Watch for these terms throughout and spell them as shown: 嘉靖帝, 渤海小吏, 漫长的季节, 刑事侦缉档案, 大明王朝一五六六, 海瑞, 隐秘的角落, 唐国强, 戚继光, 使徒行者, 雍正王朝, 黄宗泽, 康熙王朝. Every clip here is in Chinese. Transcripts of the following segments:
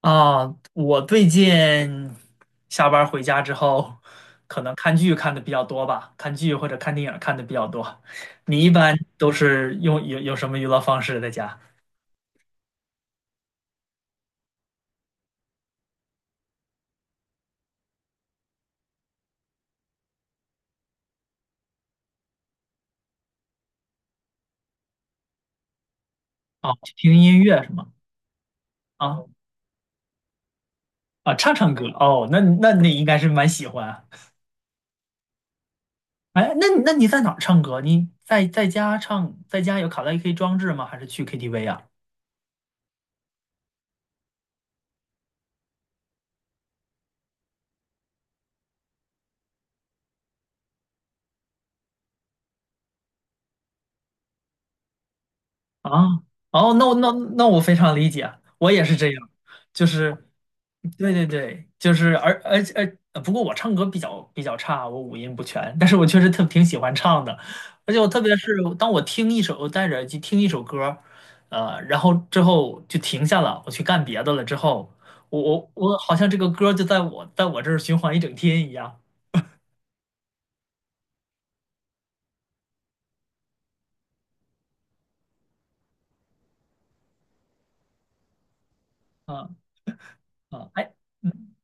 啊，我最近下班儿回家之后，可能看剧看的比较多吧，看剧或者看电影儿看的比较多。你一般都是有什么娱乐方式在家？啊，听音乐是吗？啊啊，唱唱歌哦，那你应该是蛮喜欢。哎，那你在哪儿唱歌？你在家唱，在家有卡拉 OK 装置吗？还是去 KTV 啊？啊，哦，那我非常理解，我也是这样，就是，对对对，就是，而且，不过我唱歌比较差，我五音不全，但是我确实特挺喜欢唱的，而且我特别是当我听一首，我戴着耳机听一首歌，然后之后就停下了，我去干别的了之后，我好像这个歌就在我这儿循环一整天一样。啊啊，哎。嗯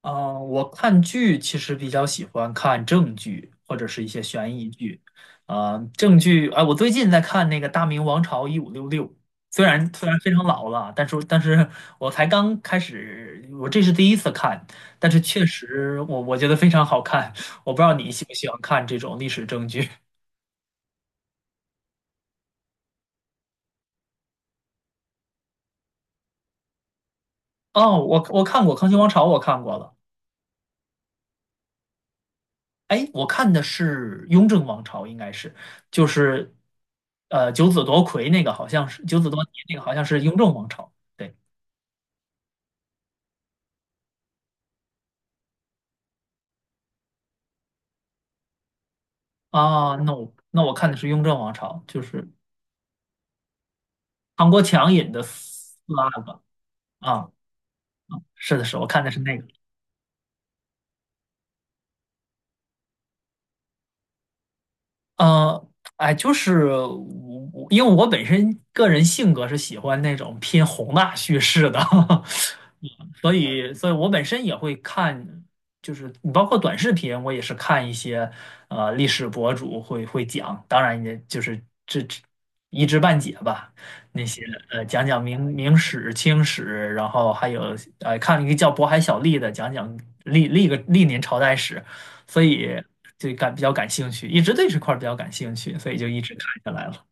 啊，我看剧其实比较喜欢看正剧或者是一些悬疑剧。啊、正剧，哎、我最近在看那个《大明王朝1566》，虽然非常老了，但是我才刚开始，我这是第一次看，但是确实我觉得非常好看。我不知道你喜不喜欢看这种历史正剧？哦，我看过《康熙王朝》，我看过了。哎，我看的是雍正王朝，应该是就是，九子夺魁那个好像是九子夺嫡那个好像是雍正王朝。对啊，那我看的是雍正王朝，就是唐国强引的四阿哥。啊，是的是，我看的是那个。呃，哎，就是我因为我本身个人性格是喜欢那种偏宏大叙事的，所以我本身也会看，就是你包括短视频，我也是看一些历史博主会讲，当然也就是这一知半解吧，那些讲讲明史、清史，然后还有看一个叫渤海小吏的讲讲历年朝代史，所以就比较感兴趣，一直对这块儿比较感兴趣，所以就一直看下来了。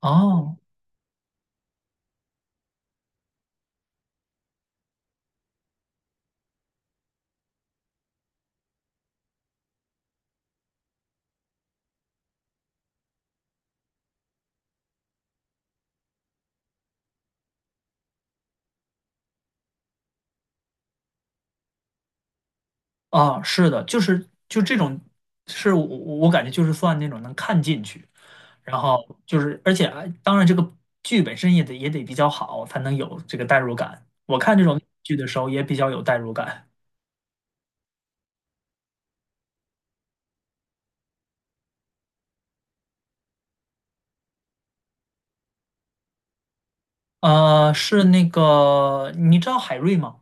哦，啊，是的，就是就这种，是我感觉就是算那种能看进去，然后就是而且哎当然这个剧本身也得比较好，才能有这个代入感。我看这种剧的时候也比较有代入感。是那个你知道海瑞吗？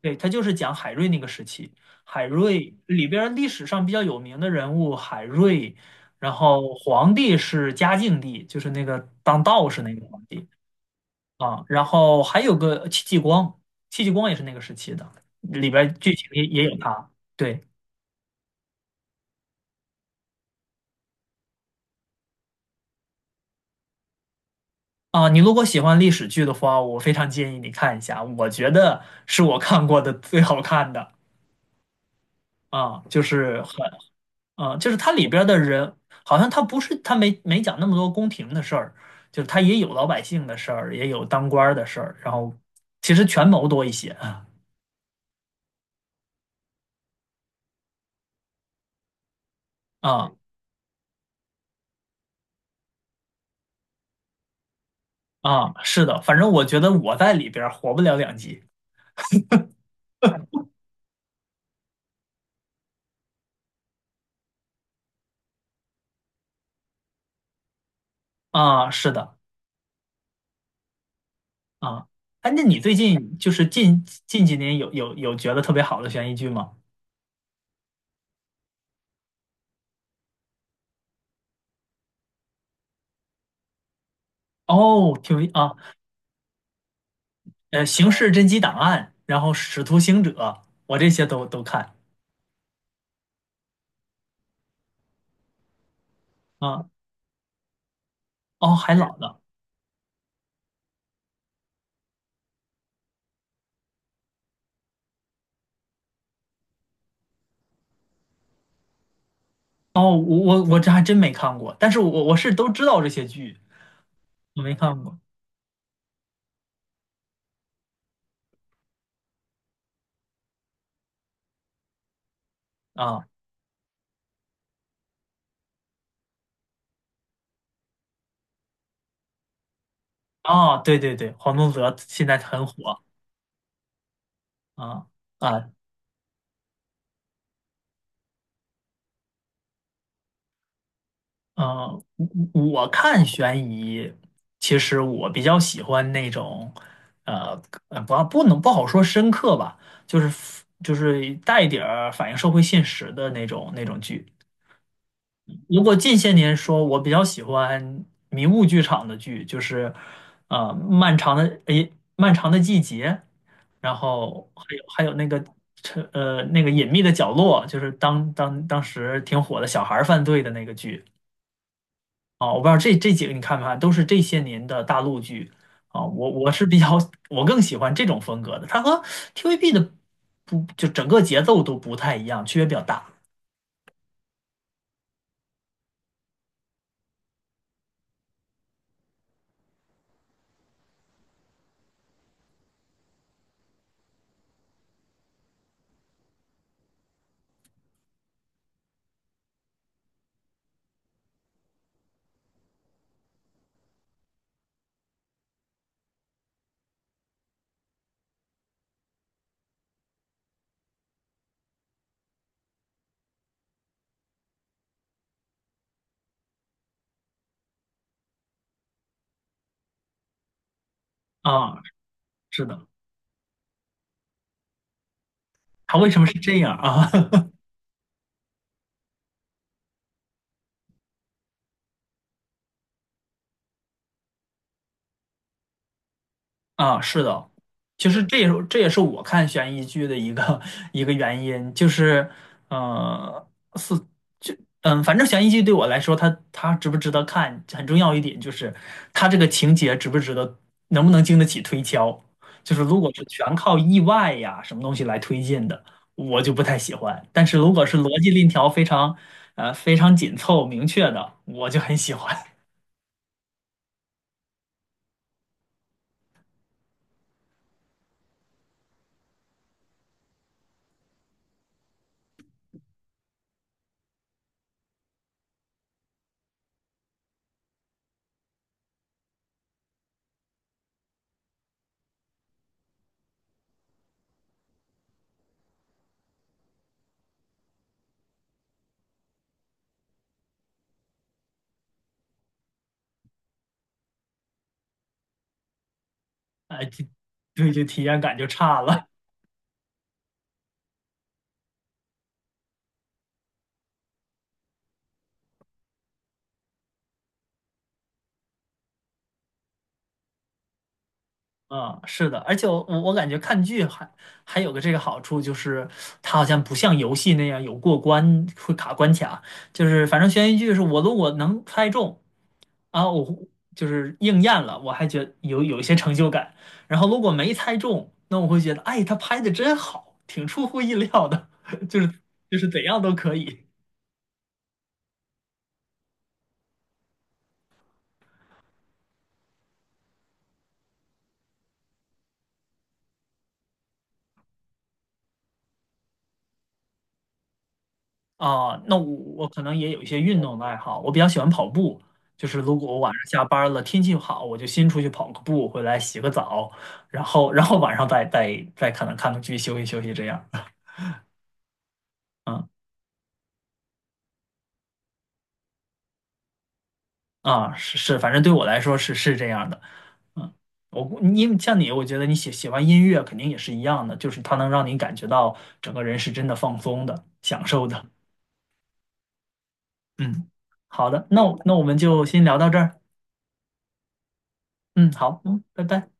对，他就是讲海瑞那个时期，海瑞里边儿历史上比较有名的人物，海瑞，然后皇帝是嘉靖帝，就是那个当道士那个皇帝。啊，然后还有个戚继光，戚继光也是那个时期的，里边儿剧情也有他。对啊，你如果喜欢历史剧的话，我非常建议你看一下，我觉得是我看过的最好看的。啊，就是很啊，就是它里边儿的人，好像他不是他没讲那么多宫廷的事儿，就是他也有老百姓的事儿，也有当官儿的事儿，然后其实权谋多一些啊。啊啊，是的，反正我觉得我在里边儿活不了两集。啊，是的。啊，哎，那你最近就是近几年有觉得特别好的悬疑剧吗？哦，挺有意啊，刑事侦缉档案》，然后《使徒行者》，我这些都看。啊，哦，还老呢。哦，我这还真没看过，但是我是都知道这些剧，我没看过。啊啊，对对对，黄宗泽现在很火。啊啊啊！我看悬疑，其实我比较喜欢那种，呃不能不好说深刻吧，就是带一点儿反映社会现实的那种剧。如果近些年说，我比较喜欢迷雾剧场的剧，就是漫长的季节，然后还有那个隐秘的角落，就是当时挺火的小孩儿犯罪的那个剧。啊，我不知道这几个你看没看，都是这些年的大陆剧。啊，我是比较，我更喜欢这种风格的，它和 TVB 的不就整个节奏都不太一样，区别比较大。啊，是的，它为什么是这样啊？啊，是的，其实这也是我看悬疑剧的一个 一个原因，就是，呃，是就反正悬疑剧对我来说，它值不值得看，很重要一点就是它这个情节值不值得，能不能经得起推敲。就是如果是全靠意外呀什么东西来推进的，我就不太喜欢。但是如果是逻辑链条非常非常紧凑明确的，我就很喜欢。哎，就，对，就体验感就差了。嗯，是的，而且我感觉看剧还有个这个好处，就是它好像不像游戏那样有过关会卡关卡，就是反正悬疑剧是我如果能猜中啊，我会就是应验了，我还觉得有一些成就感。然后如果没猜中，那我会觉得，哎，他拍的真好，挺出乎意料的，就是就是怎样都可以。啊，那我可能也有一些运动的爱好，我比较喜欢跑步。就是如果我晚上下班了，天气好，我就先出去跑个步，回来洗个澡，然后晚上再可能看个剧，休息休息这样。嗯啊，是是，反正对我来说是这样的。嗯，我估你因为像你，我觉得你喜欢音乐肯定也是一样的，就是它能让你感觉到整个人是真的放松的、享受的。嗯，好的，那我们就先聊到这儿。嗯，好，嗯，拜拜。